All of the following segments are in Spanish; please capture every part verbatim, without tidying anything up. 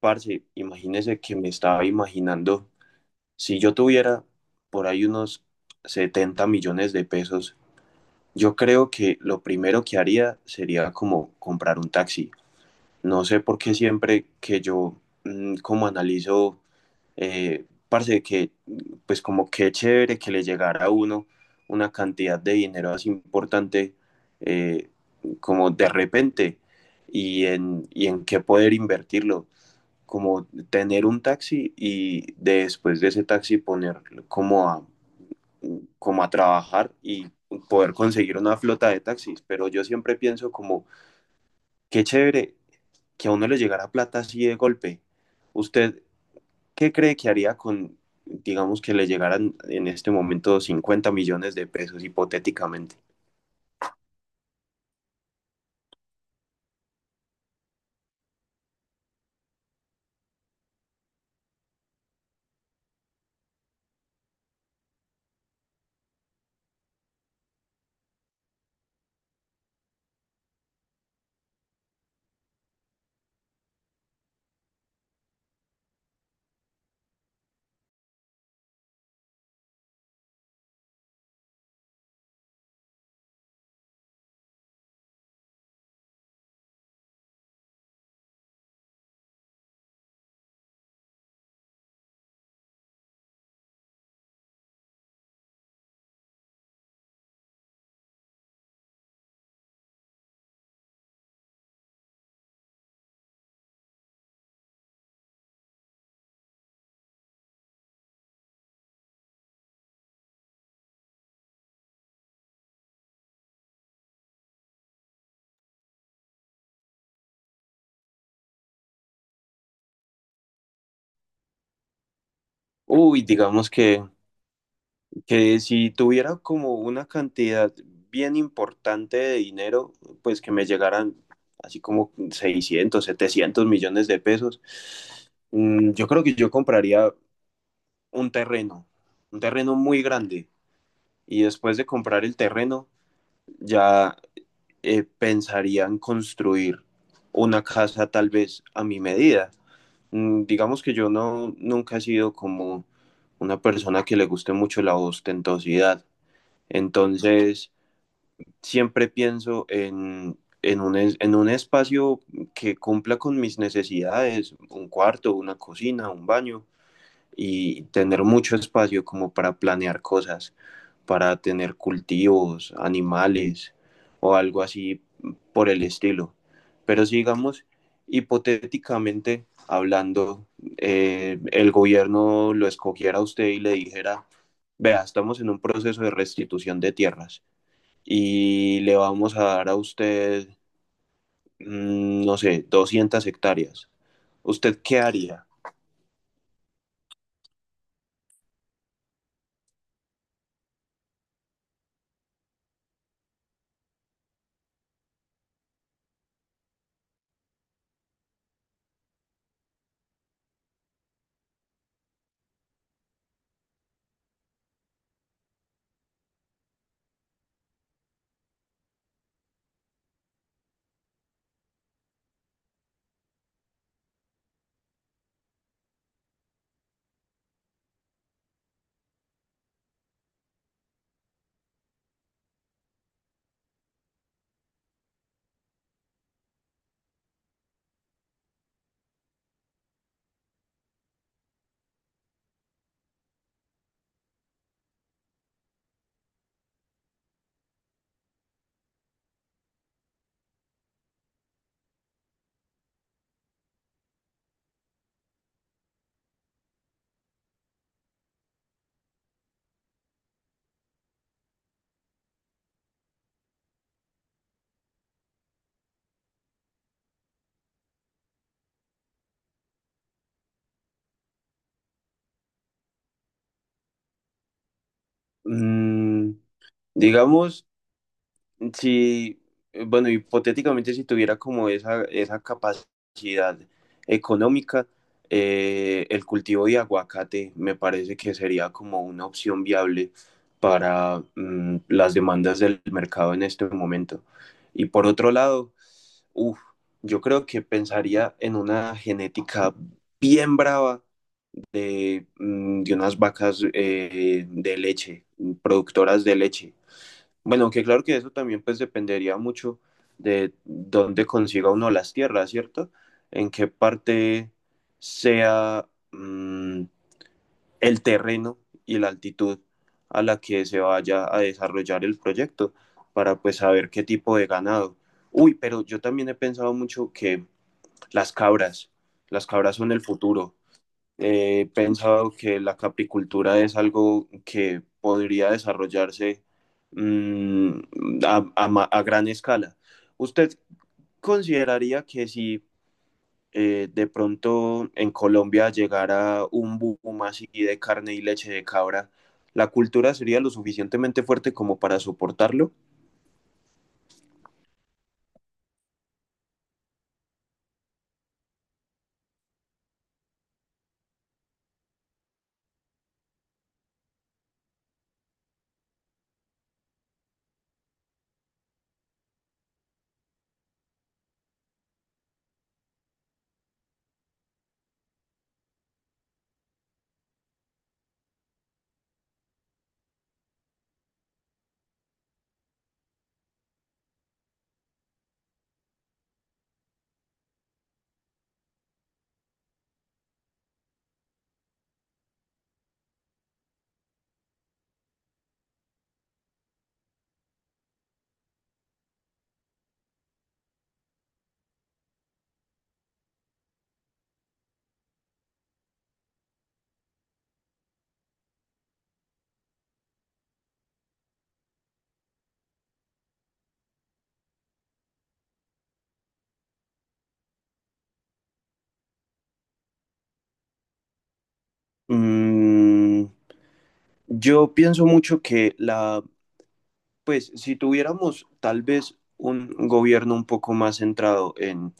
Parce, imagínese que me estaba imaginando, si yo tuviera por ahí unos setenta millones de pesos. Yo creo que lo primero que haría sería como comprar un taxi. No sé por qué siempre que yo mm, como analizo, eh, parce, que mm, pues como qué chévere que le llegara a uno una cantidad de dinero así importante, eh, como de repente, y en, y en qué poder invertirlo, como tener un taxi y después de ese taxi poner como a, como a trabajar y poder conseguir una flota de taxis. Pero yo siempre pienso como, qué chévere que a uno le llegara plata así de golpe. ¿Usted qué cree que haría con, digamos que le llegaran en este momento cincuenta millones de pesos hipotéticamente? Uy, digamos que Que si tuviera como una cantidad bien importante de dinero, pues que me llegaran así como seiscientos, setecientos millones de pesos. mm, yo creo que yo compraría un terreno, un terreno muy grande. Y después de comprar el terreno, ya eh, pensaría en construir una casa tal vez a mi medida. Mm, Digamos que yo no, nunca he sido como una persona que le guste mucho la ostentosidad. Entonces, siempre pienso en, en un, es- en un espacio que cumpla con mis necesidades, un cuarto, una cocina, un baño, y tener mucho espacio como para planear cosas, para tener cultivos, animales o algo así por el estilo. Pero sigamos hipotéticamente hablando, eh, el gobierno lo escogiera a usted y le dijera, vea, estamos en un proceso de restitución de tierras y le vamos a dar a usted, mm, no sé, doscientas hectáreas. ¿Usted qué haría? Mm, digamos, si, bueno, hipotéticamente si tuviera como esa, esa capacidad económica, eh, el cultivo de aguacate me parece que sería como una opción viable para mm, las demandas del mercado en este momento. Y por otro lado, uf, yo creo que pensaría en una genética bien brava de, mm, de unas vacas eh, de leche, productoras de leche. Bueno, aunque claro que eso también pues dependería mucho de dónde consiga uno las tierras, ¿cierto? En qué parte sea mm, el terreno y la altitud a la que se vaya a desarrollar el proyecto para pues saber qué tipo de ganado. Uy, pero yo también he pensado mucho que las cabras. Las cabras son el futuro. Eh, he pensado que la capricultura es algo que podría desarrollarse mmm, a, a, ma- a, gran escala. ¿Usted consideraría que si eh, de pronto en Colombia llegara un boom así de carne y leche de cabra, la cultura sería lo suficientemente fuerte como para soportarlo? Mm, yo pienso mucho que la pues si tuviéramos tal vez un gobierno un poco más centrado en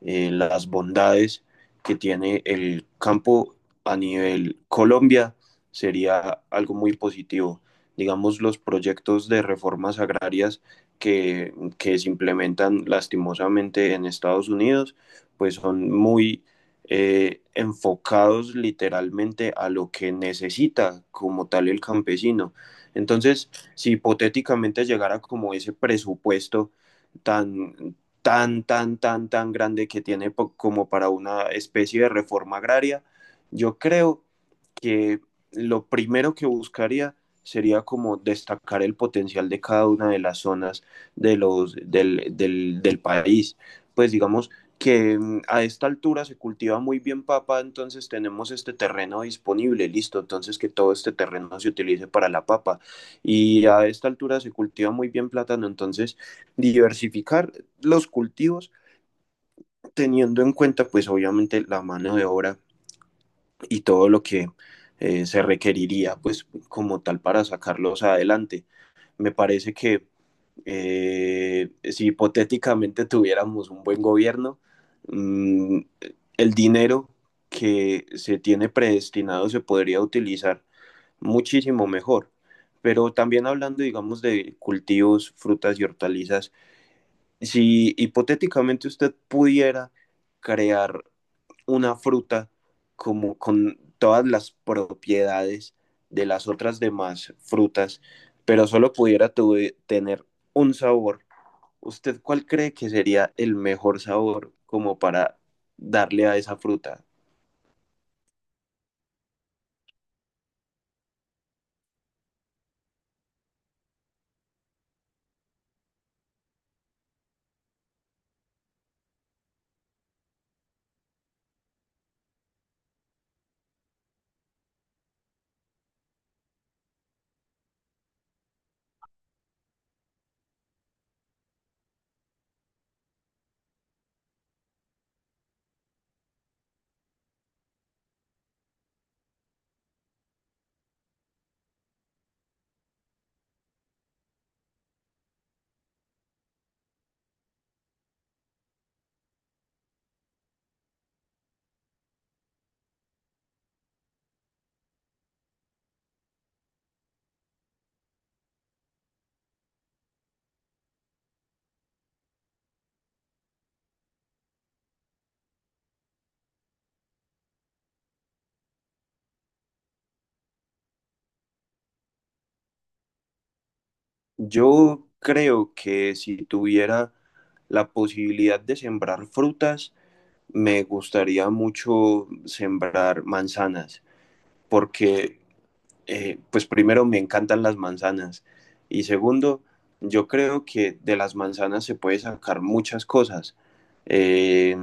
eh, las bondades que tiene el campo a nivel Colombia, sería algo muy positivo. Digamos, los proyectos de reformas agrarias que, que se implementan lastimosamente en Estados Unidos, pues son muy eh, enfocados literalmente a lo que necesita como tal el campesino. Entonces, si hipotéticamente llegara como ese presupuesto tan, tan, tan, tan, tan grande que tiene po- como para una especie de reforma agraria, yo creo que lo primero que buscaría sería como destacar el potencial de cada una de las zonas de los, del, del, del país. Pues digamos que mm, a esta altura se cultiva muy bien papa, entonces tenemos este terreno disponible, listo, entonces que todo este terreno se utilice para la papa, y a esta altura se cultiva muy bien plátano, entonces diversificar los cultivos teniendo en cuenta pues obviamente la mano de obra y todo lo que eh, se requeriría pues como tal para sacarlos adelante. Me parece que eh, si hipotéticamente tuviéramos un buen gobierno, mmm, el dinero que se tiene predestinado se podría utilizar muchísimo mejor. Pero también hablando, digamos, de cultivos, frutas y hortalizas, si hipotéticamente usted pudiera crear una fruta como con todas las propiedades de las otras demás frutas, pero solo pudiera tuve- tener un sabor, ¿usted cuál cree que sería el mejor sabor como para darle a esa fruta? Yo creo que si tuviera la posibilidad de sembrar frutas, me gustaría mucho sembrar manzanas, porque eh, pues primero me encantan las manzanas y segundo, yo creo que de las manzanas se puede sacar muchas cosas. Eh,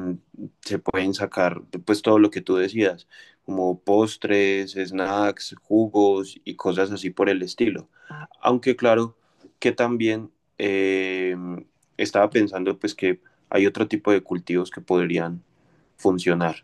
se pueden sacar pues todo lo que tú decidas, como postres, snacks, jugos y cosas así por el estilo. Aunque claro que también eh, estaba pensando pues que hay otro tipo de cultivos que podrían funcionar.